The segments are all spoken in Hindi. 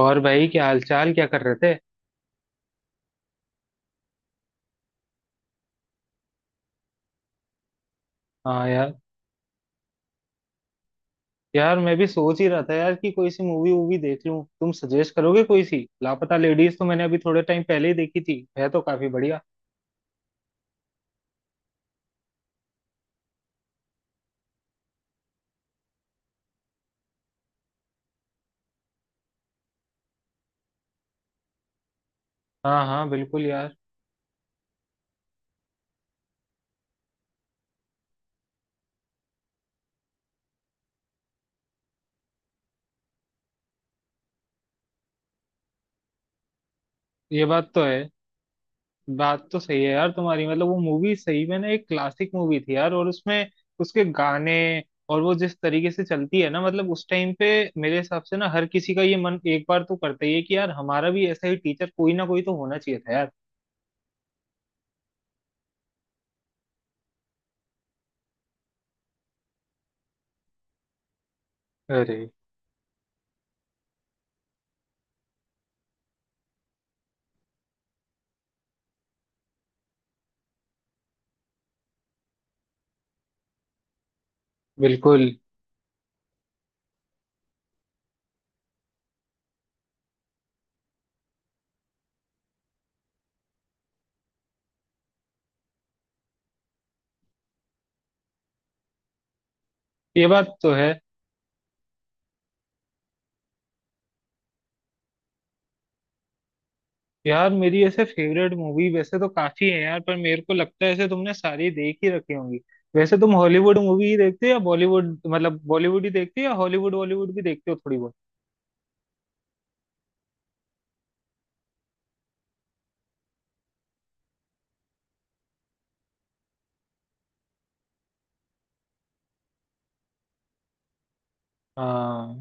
और भाई क्या हालचाल, क्या कर रहे थे? हाँ यार। यार मैं भी सोच ही रहा था यार कि कोई सी मूवी वूवी देख लूं, तुम सजेस्ट करोगे कोई सी। लापता लेडीज तो मैंने अभी थोड़े टाइम पहले ही देखी थी है, तो काफी बढ़िया। हाँ हाँ, बिल्कुल यार। ये बात तो है। बात तो सही है यार तुम्हारी, मतलब वो मूवी सही में ना एक क्लासिक मूवी थी यार। और उसमें उसके गाने, और वो जिस तरीके से चलती है ना, मतलब उस टाइम पे मेरे हिसाब से ना हर किसी का ये मन एक बार तो करता ही है कि यार हमारा भी ऐसा ही टीचर कोई ना कोई तो होना चाहिए था यार। अरे, बिल्कुल। ये बात तो है। यार मेरी ऐसे फेवरेट मूवी वैसे तो काफी है यार, पर मेरे को लगता है ऐसे तुमने सारी देख ही रखी होंगी। वैसे तुम हॉलीवुड मूवी ही देखते हो या बॉलीवुड, मतलब बॉलीवुड ही देखते हो या हॉलीवुड बॉलीवुड भी देखते हो थोड़ी बहुत? हाँ।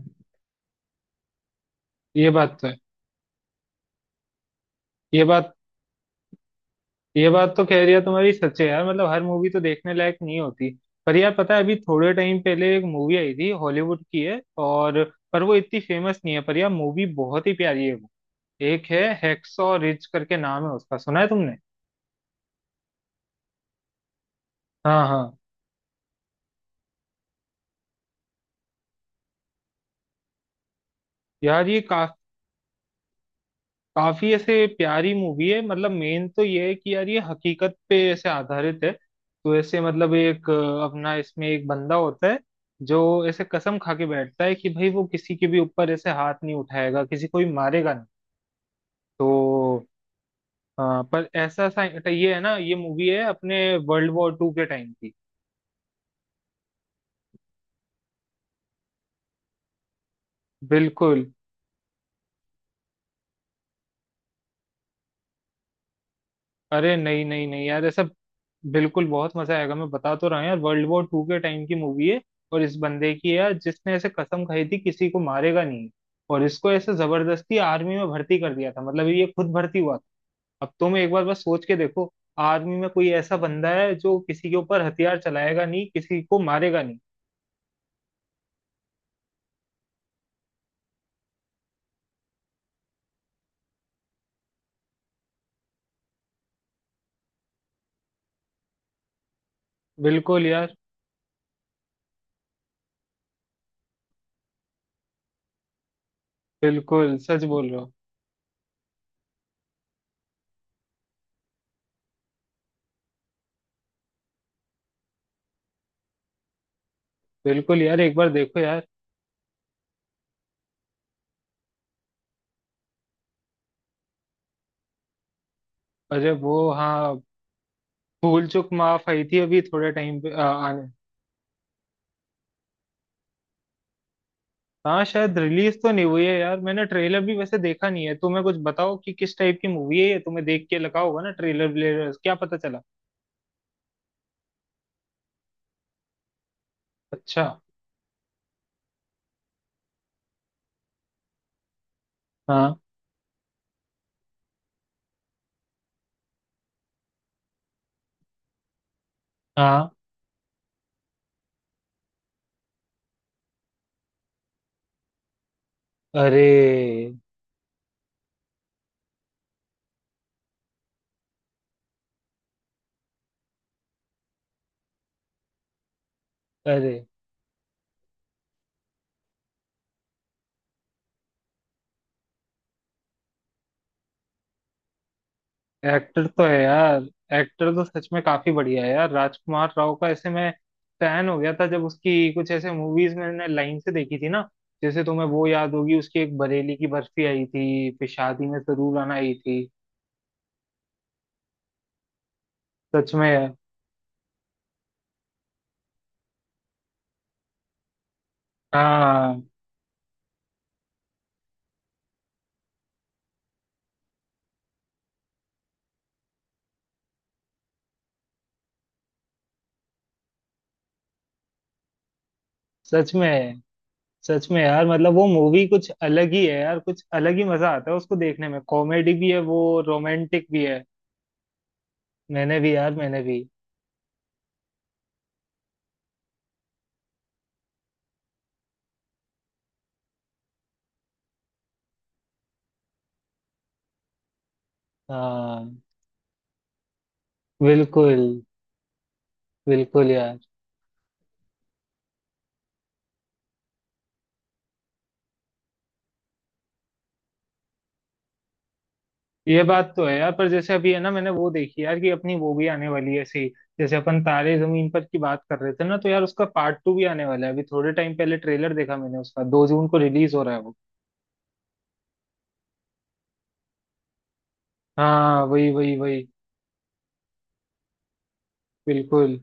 ये बात तो है। ये बात ये बात तो कह रही है तुम्हारी, सच है यार, मतलब हर मूवी तो देखने लायक नहीं होती। पर यार पता है, अभी थोड़े टाइम पहले एक मूवी आई थी, हॉलीवुड की है, और पर वो इतनी फेमस नहीं है, पर यार मूवी बहुत ही प्यारी है वो। एक है, हैक्सॉ रिज करके नाम है उसका, सुना है तुमने? हाँ हाँ। यार काफी ऐसे प्यारी मूवी है, मतलब मेन तो ये है कि यार ये हकीकत पे ऐसे आधारित है, तो ऐसे मतलब एक अपना इसमें एक बंदा होता है जो ऐसे कसम खा के बैठता है कि भाई वो किसी के भी ऊपर ऐसे हाथ नहीं उठाएगा, किसी को भी मारेगा नहीं। तो पर ऐसा सा ये है ना, ये मूवी है अपने वर्ल्ड वॉर II के टाइम की। बिल्कुल। अरे नहीं नहीं नहीं यार, ऐसा बिल्कुल, बहुत मजा आएगा, मैं बता तो रहा हूँ यार। वर्ल्ड वॉर II के टाइम की मूवी है, और इस बंदे की है यार जिसने ऐसे कसम खाई थी किसी को मारेगा नहीं, और इसको ऐसे जबरदस्ती आर्मी में भर्ती कर दिया था, मतलब ये खुद भर्ती हुआ था। अब तुम एक बार बस सोच के देखो, आर्मी में कोई ऐसा बंदा है जो किसी के ऊपर हथियार चलाएगा नहीं, किसी को मारेगा नहीं। बिल्कुल यार। बिल्कुल, सच बोल रहे हो। बिल्कुल यार, एक बार देखो यार। अरे वो हाँ, भूल चूक माफ आई थी अभी थोड़े टाइम पे। हाँ, शायद रिलीज तो नहीं हुई है यार, मैंने ट्रेलर भी वैसे देखा नहीं है। तुम्हें कुछ बताओ कि किस टाइप की मूवी है ये, तुम्हें देख के लगा होगा ना ट्रेलर व्लेलर, क्या पता चला? अच्छा। हाँ हाँ। अरे। अरे। एक्टर तो है यार। एक्टर तो सच में काफी बढ़िया है यार, राजकुमार राव का ऐसे मैं फैन हो गया था, जब उसकी कुछ ऐसे मूवीज मैंने लाइन से देखी थी ना, जैसे तुम्हें वो याद होगी, उसकी एक बरेली की बर्फी आई थी, फिर शादी में जरूर आना आई थी। सच में। हाँ। सच में, सच में यार, मतलब वो मूवी कुछ अलग ही है यार, कुछ अलग ही मजा आता है उसको देखने में, कॉमेडी भी है वो, रोमांटिक भी है। मैंने भी यार, मैंने भी। हाँ, बिल्कुल। बिल्कुल यार। ये बात तो है यार, पर जैसे अभी है ना, मैंने वो देखी यार कि अपनी वो भी आने वाली है ऐसी। जैसे अपन तारे जमीन पर की बात कर रहे थे ना, तो यार उसका पार्ट 2 भी आने वाला है। अभी थोड़े टाइम पहले ट्रेलर देखा मैंने उसका, 2 जून को रिलीज हो रहा है वो। हाँ वही वही वही। बिल्कुल।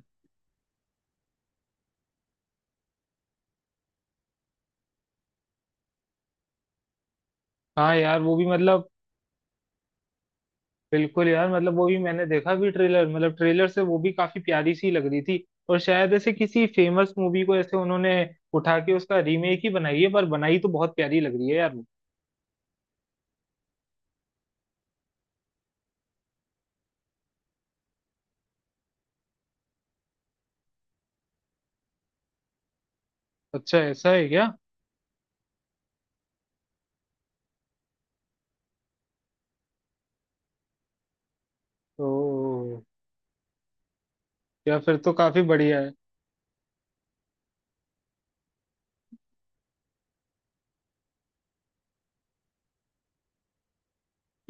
हाँ यार वो भी मतलब, बिल्कुल यार, मतलब वो भी मैंने देखा भी ट्रेलर, मतलब ट्रेलर से वो भी काफी प्यारी सी लग रही थी, और शायद ऐसे किसी फेमस मूवी को ऐसे उन्होंने उठा के उसका रीमेक ही बनाई है, पर बनाई तो बहुत प्यारी लग रही है यार वो। अच्छा, ऐसा है क्या? तो या फिर तो काफी बढ़िया है।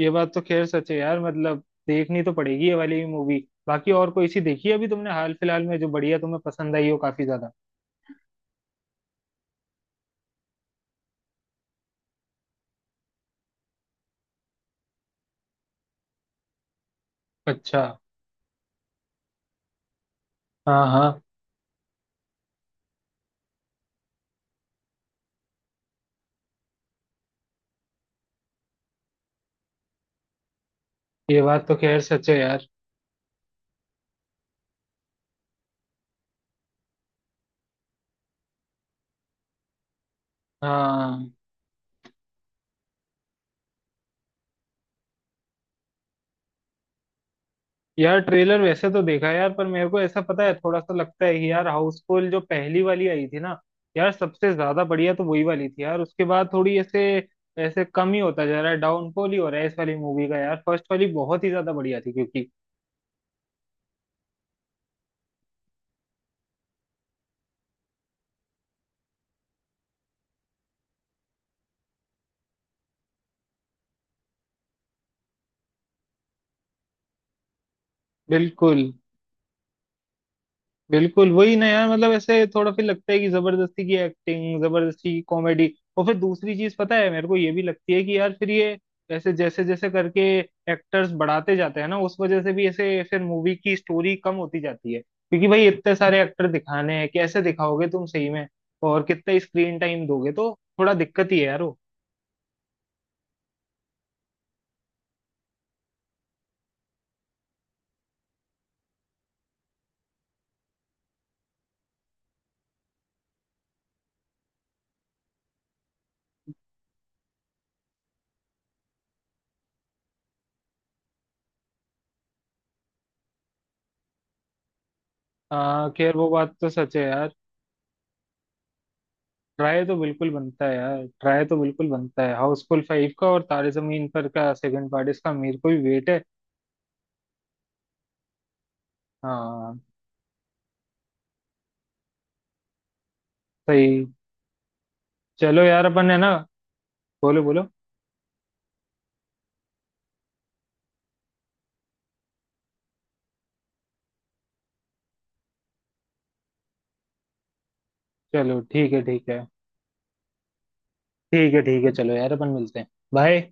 ये बात तो खैर सच है यार, मतलब देखनी तो पड़ेगी ये वाली मूवी। बाकी और कोई सी देखी है अभी तुमने हाल फिलहाल में जो बढ़िया तुम्हें पसंद आई हो काफी ज्यादा? अच्छा। हाँ हाँ। ये बात तो खैर सच है यार। हाँ यार, ट्रेलर वैसे तो देखा है यार, पर मेरे को ऐसा पता है, थोड़ा सा लगता है कि यार हाउसफुल जो पहली वाली आई थी ना, यार सबसे ज्यादा बढ़िया तो वही वाली थी यार, उसके बाद थोड़ी ऐसे ऐसे कम ही होता जा रहा है, डाउनफॉल ही हो रहा है इस वाली मूवी का यार। फर्स्ट वाली बहुत ही ज्यादा बढ़िया थी, क्योंकि बिल्कुल, बिल्कुल वही ना यार, मतलब ऐसे थोड़ा फिर लगता है कि जबरदस्ती की एक्टिंग, जबरदस्ती की कॉमेडी। और फिर दूसरी चीज पता है मेरे को ये भी लगती है कि यार फिर ये ऐसे जैसे जैसे करके एक्टर्स बढ़ाते जाते हैं ना, उस वजह से भी ऐसे फिर मूवी की स्टोरी कम होती जाती है, क्योंकि भाई इतने सारे एक्टर दिखाने हैं, कैसे दिखाओगे तुम सही में? और कितना स्क्रीन टाइम दोगे? तो थोड़ा दिक्कत ही है यार वो। खैर वो बात तो सच है यार। ट्राई तो बिल्कुल बनता है यार, ट्राई तो बिल्कुल बनता है। हाउसफुल 5 का, और तारे जमीन पर का सेकंड पार्ट, इसका मेरे को भी वेट है। हाँ, सही। चलो यार, अपन है ना। बोलो बोलो। चलो ठीक है ठीक है। ठीक है ठीक है, चलो यार अपन मिलते हैं। बाय।